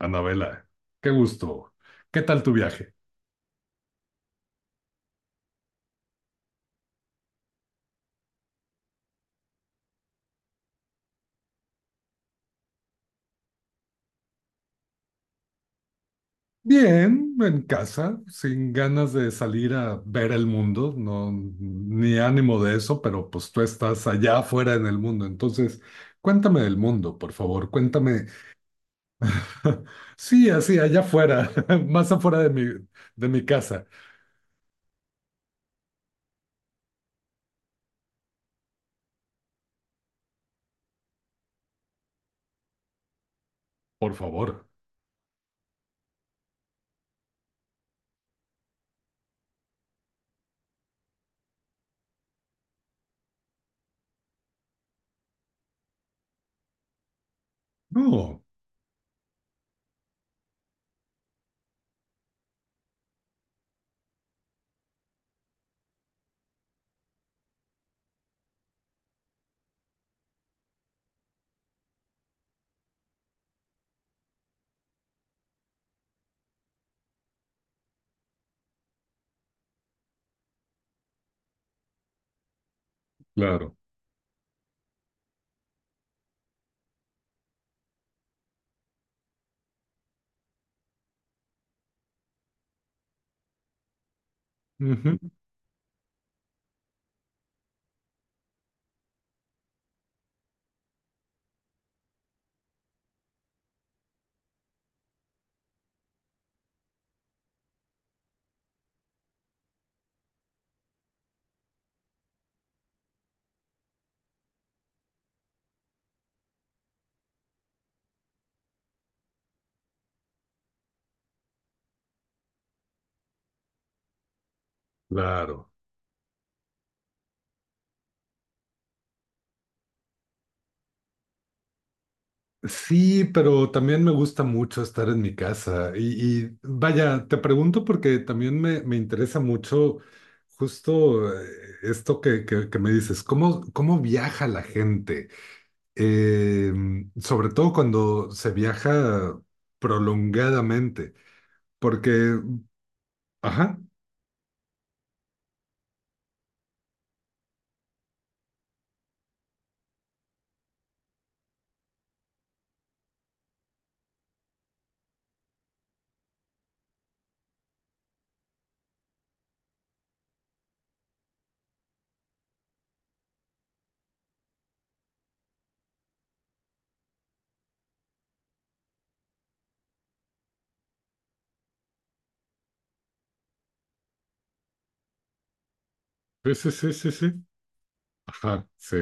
Anabela, qué gusto. ¿Qué tal tu viaje? Bien, en casa, sin ganas de salir a ver el mundo, no, ni ánimo de eso, pero pues tú estás allá afuera en el mundo. Entonces, cuéntame del mundo, por favor, cuéntame. Sí, así, allá afuera, más afuera de mi casa, por favor. No, claro, ujú, claro. Sí, pero también me gusta mucho estar en mi casa. Y vaya, te pregunto porque también me interesa mucho justo esto que me dices, ¿cómo, cómo viaja la gente? Eh, Sobre todo cuando se viaja prolongadamente, porque, ajá, sí, sí, sí, sí, sí, ajá, sí.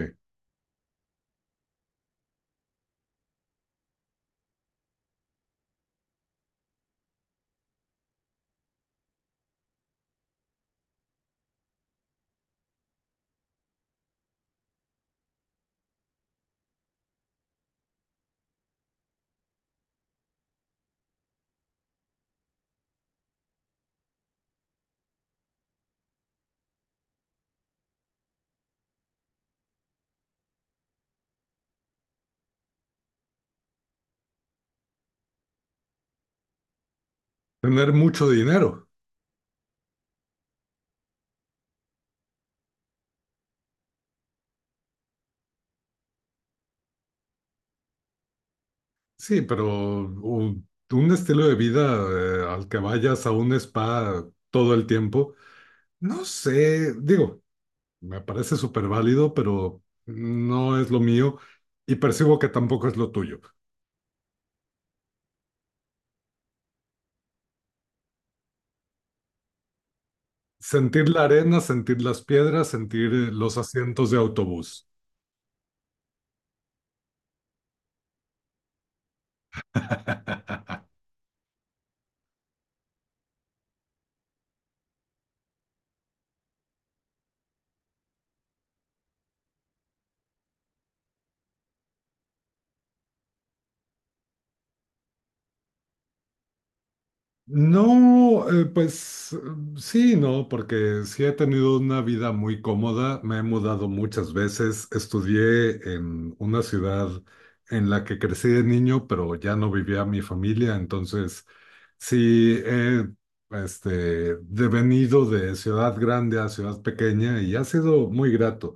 Tener mucho dinero, sí, pero u- un estilo de vida al que vayas a un spa todo el tiempo. No sé, digo, me parece súper válido, pero no es lo mío y percibo que tampoco es lo tuyo. Sentir la arena, sentir las piedras, sentir los asientos de autobús. No, pues sí, no, porque sí he tenido una vida muy cómoda, me he mudado muchas veces, estudié en una ciudad en la que crecí de niño, pero ya no vivía mi familia, entonces sí he este, devenido de ciudad grande a ciudad pequeña y ha sido muy grato.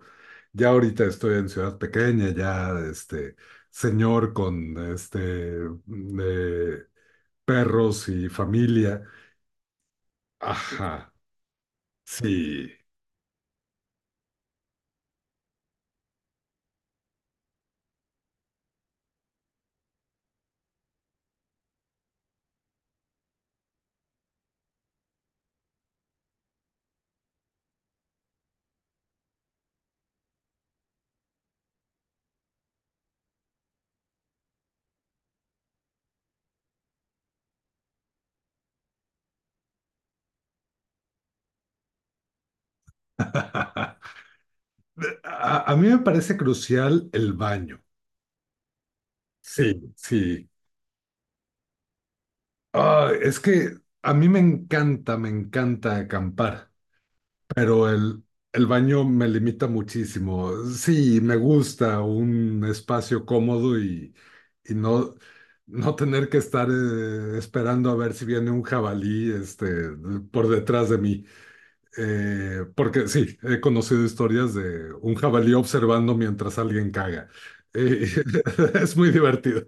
Ya ahorita estoy en ciudad pequeña, ya este señor con este... eh, perros y familia. Ajá, sí. A, a mí me parece crucial el baño. Sí, sí. Ah, es que a mí me encanta acampar, pero el baño me limita muchísimo. Sí, me gusta un espacio cómodo y no, no tener que estar esperando a ver si viene un jabalí este, por detrás de mí. Porque sí, he conocido historias de un jabalí observando mientras alguien caga. Eh, es muy divertido.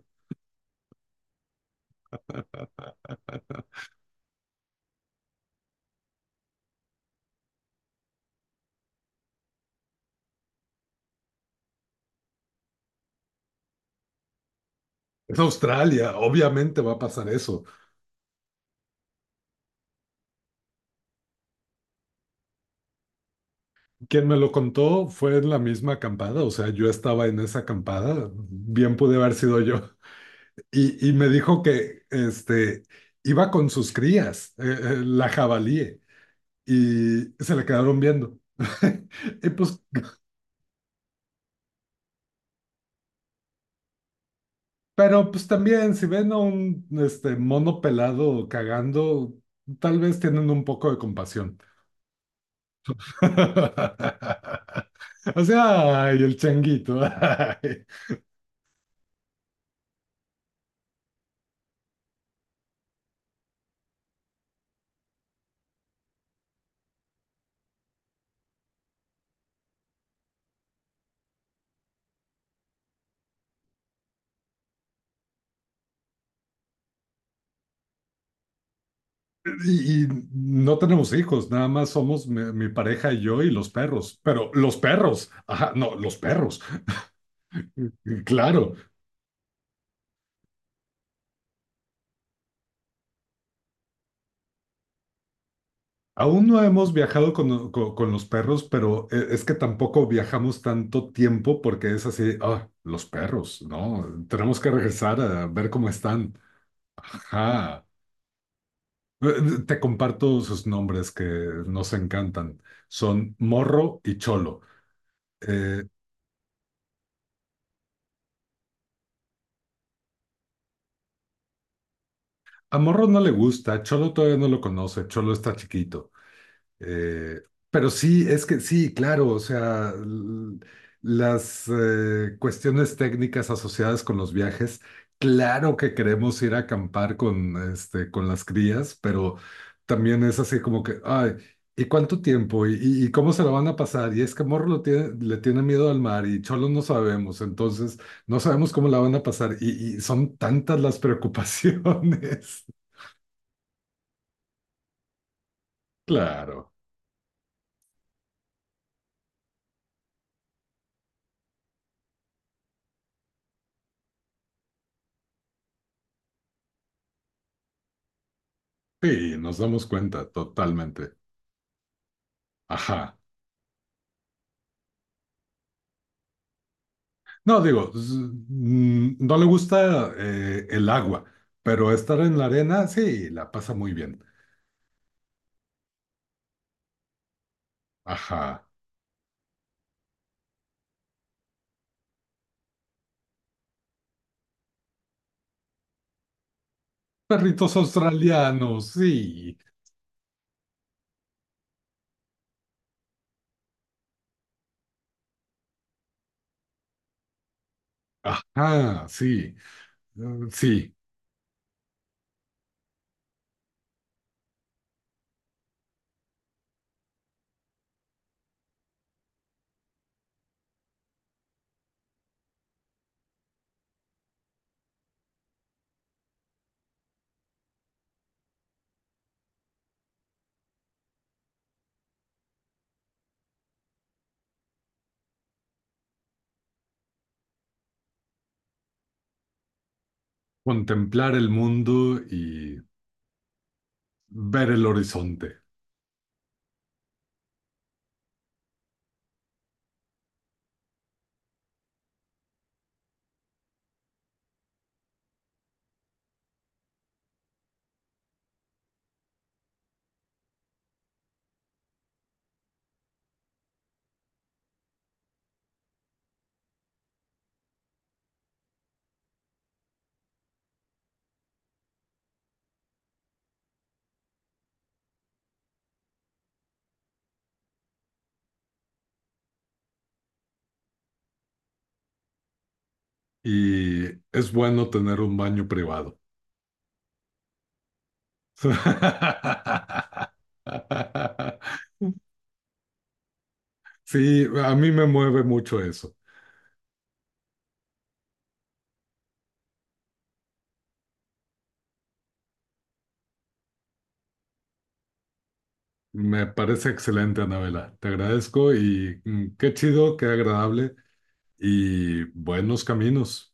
Es Australia, obviamente va a pasar eso. Quien me lo contó fue en la misma acampada, o sea, yo estaba en esa acampada, bien pude haber sido yo. Y me dijo que este, iba con sus crías, la jabalí, y se le quedaron viendo. Y pues pero pues también, si ven a un este, mono pelado cagando, tal vez tienen un poco de compasión. O sea, ay, el changuito. Ay. Y no tenemos hijos, nada más somos mi, mi pareja y yo y los perros. Pero los perros, ajá, no, los perros, claro. Aún no hemos viajado con, con los perros, pero es que tampoco viajamos tanto tiempo porque es así, ah, los perros, ¿no? Tenemos que regresar a ver cómo están. Ajá. Te comparto sus nombres que nos encantan. Son Morro y Cholo. Eh, a Morro no le gusta, Cholo todavía no lo conoce, Cholo está chiquito. Eh, pero sí, es que sí, claro, o sea, las cuestiones técnicas asociadas con los viajes, claro que queremos ir a acampar con, este, con las crías, pero también es así como que, ay, ¿y cuánto tiempo? ¿Y, y cómo se lo van a pasar? Y es que Morro le tiene miedo al mar y Cholo no sabemos, entonces no sabemos cómo la van a pasar y son tantas las preocupaciones. Claro, sí, nos damos cuenta totalmente. Ajá. No, digo, no le gusta el agua, pero estar en la arena, sí, la pasa muy bien. Ajá. Perritos australianos, sí. Ajá, sí. Sí, contemplar el mundo y ver el horizonte. Y es bueno tener un baño privado. Sí, a mí me mueve mucho eso. Me parece excelente, Anabela. Te agradezco y qué chido, qué agradable y buenos caminos.